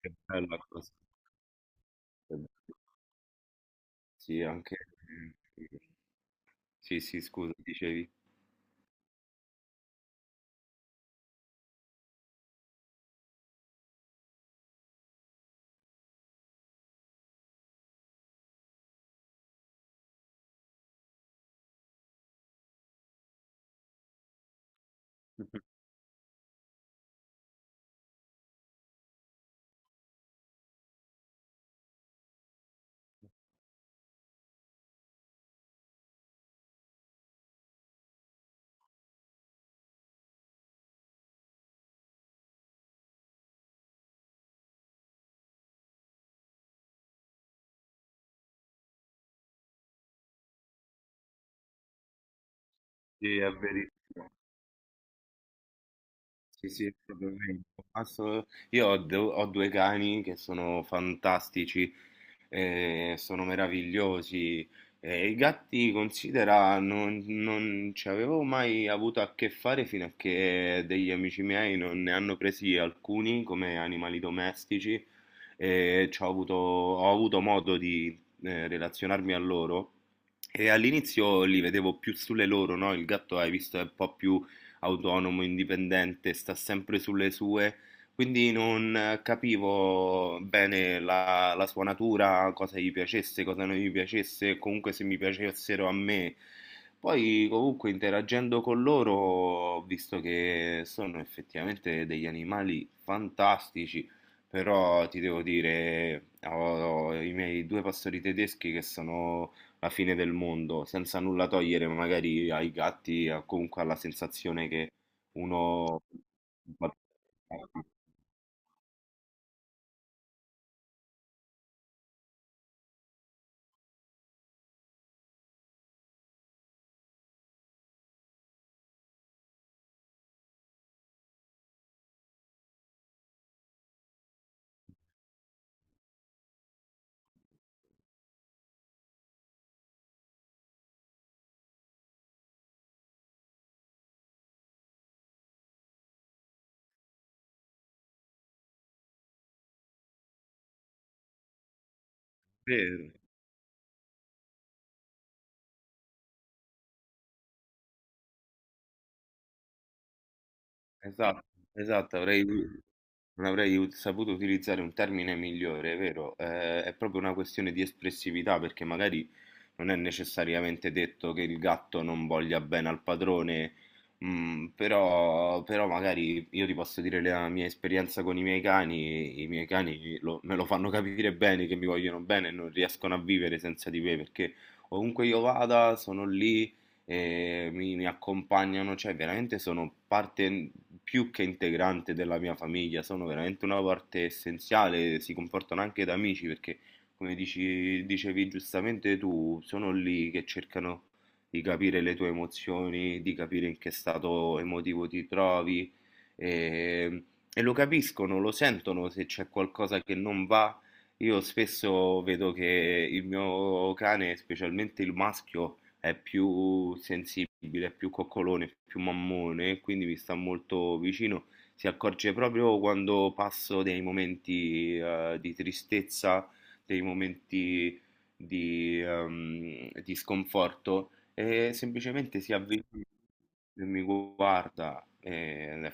Che bella cosa. Sì, anche... eh, sì, sì, scusa, dicevi. Sì, è verissimo. Sì, sì, è proprio quello. Io ho, ho due cani che sono fantastici, sono meravigliosi. E i gatti, considera, non ci avevo mai avuto a che fare fino a che degli amici miei non ne hanno presi alcuni come animali domestici e ci ho avuto modo di relazionarmi a loro. E all'inizio li vedevo più sulle loro, no? Il gatto, hai visto, è un po' più autonomo, indipendente, sta sempre sulle sue, quindi non capivo bene la sua natura, cosa gli piacesse, cosa non gli piacesse, comunque se mi piacessero a me. Poi comunque interagendo con loro ho visto che sono effettivamente degli animali fantastici, però ti devo dire, ho, ho i miei due pastori tedeschi che sono la fine del mondo, senza nulla togliere magari ai gatti, o comunque alla sensazione che uno... Vero. Esatto, esatto, avrei, non avrei saputo utilizzare un termine migliore, è vero? È proprio una questione di espressività, perché magari non è necessariamente detto che il gatto non voglia bene al padrone, però, però magari io ti posso dire la mia esperienza con i miei cani me lo fanno capire bene che mi vogliono bene e non riescono a vivere senza di me, perché ovunque io vada sono lì mi accompagnano, cioè veramente sono parte più che integrante della mia famiglia, sono veramente una parte essenziale, si comportano anche da amici perché, come dicevi giustamente tu, sono lì che cercano di capire le tue emozioni, di capire in che stato emotivo ti trovi e, e lo capiscono, lo sentono se c'è qualcosa che non va. Io spesso vedo che il mio cane, specialmente il maschio, è più sensibile, è più coccolone, è più mammone, quindi mi sta molto vicino. Si accorge proprio quando passo dei momenti di tristezza, dei momenti di sconforto e semplicemente si avvicina e mi guarda. E...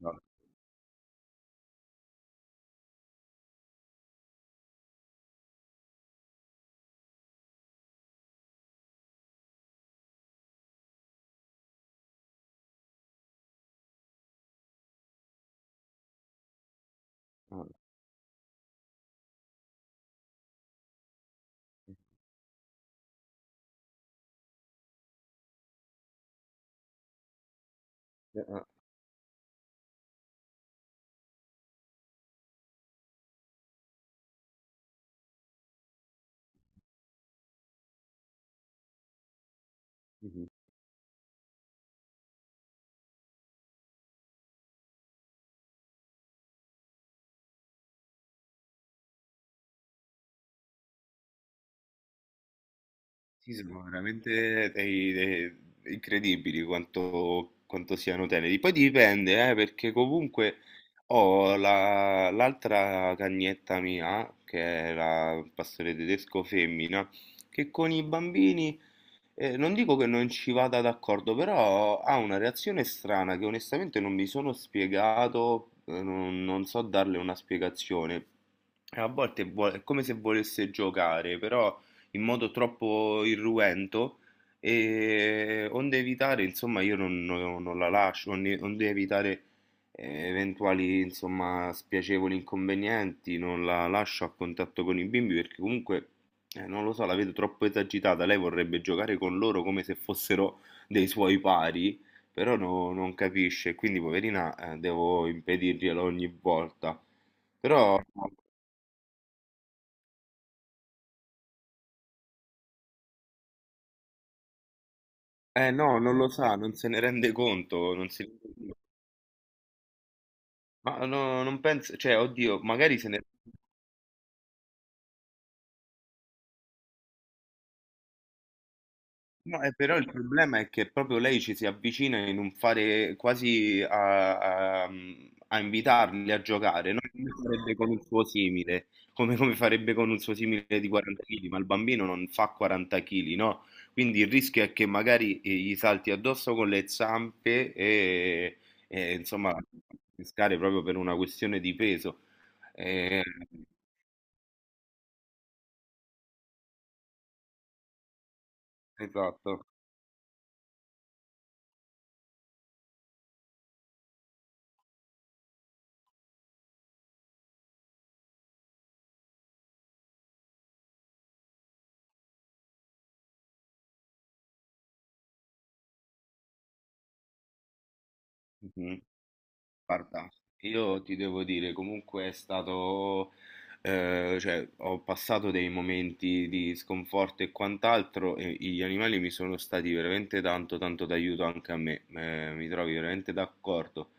No, no, eh, eh, mhm. Sì, sono veramente dei incredibili quanto, quanto siano teneri. Poi dipende, perché comunque ho l'altra cagnetta mia, che è la pastore tedesco femmina, che con i bambini, non dico che non ci vada d'accordo, però ha una reazione strana che onestamente non mi sono spiegato, non so darle una spiegazione. A volte è come se volesse giocare, però in modo troppo irruento e onde evitare, insomma, io non la lascio, onde evitare eventuali, insomma, spiacevoli inconvenienti, non la lascio a contatto con i bimbi perché comunque, non lo so, la vedo troppo esagitata, lei vorrebbe giocare con loro come se fossero dei suoi pari, però non capisce, quindi poverina, devo impedirglielo ogni volta. Però, eh no, non lo sa, non se ne rende conto, non si... Ma no, non penso, cioè, oddio, magari se ne... No, però il problema è che proprio lei ci si avvicina in un fare quasi a, a invitarli a giocare, non come farebbe con un suo simile, come farebbe con un suo simile di 40 kg, ma il bambino non fa 40 kg, no? Quindi il rischio è che magari gli salti addosso con le zampe e, insomma, pescare proprio per una questione di peso. Eh, esatto. Guarda, io ti devo dire, comunque è stato, cioè, ho passato dei momenti di sconforto e quant'altro e gli animali mi sono stati veramente tanto, tanto d'aiuto anche a me, mi trovi veramente d'accordo.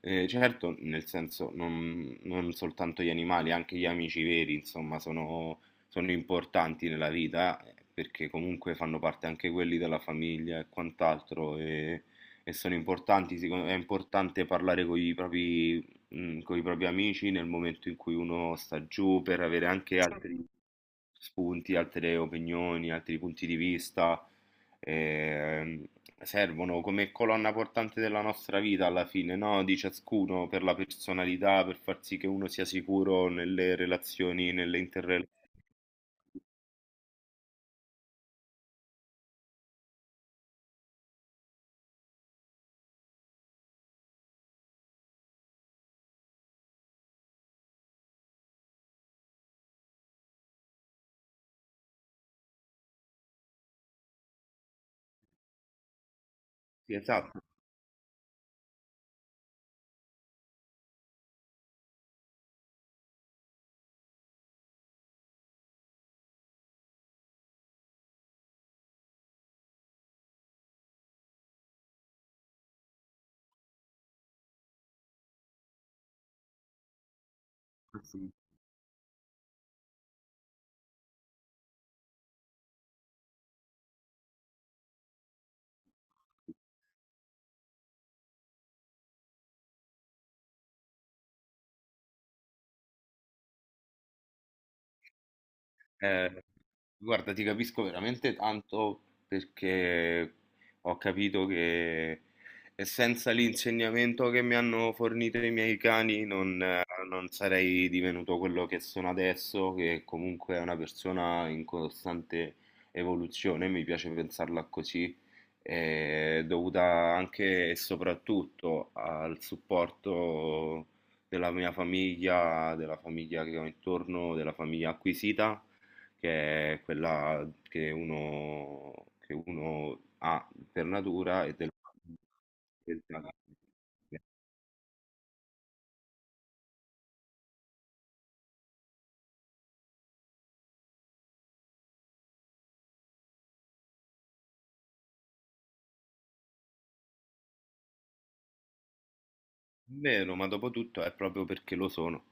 Certo, nel senso, non soltanto gli animali, anche gli amici veri, insomma, sono, sono importanti nella vita, perché comunque fanno parte anche quelli della famiglia e quant'altro. E sono importanti, me è importante parlare con i propri, con i propri amici nel momento in cui uno sta giù per avere anche altri spunti, altre opinioni, altri punti di vista. ehm, Servono come colonna portante della nostra vita alla fine, no? Di ciascuno per la personalità, per far sì che uno sia sicuro nelle relazioni, nelle interrelazioni. Sì, esatto. Sì, sì. Eh, guarda, ti capisco veramente tanto perché ho capito che senza l'insegnamento che mi hanno fornito i miei cani non, non sarei divenuto quello che sono adesso, che comunque è una persona in costante evoluzione, mi piace pensarla così, dovuta anche e soprattutto al supporto della mia famiglia, della famiglia che ho intorno, della famiglia acquisita che è quella che uno ha per natura e del Esatto. Vero, ma dopo tutto è proprio perché lo sono.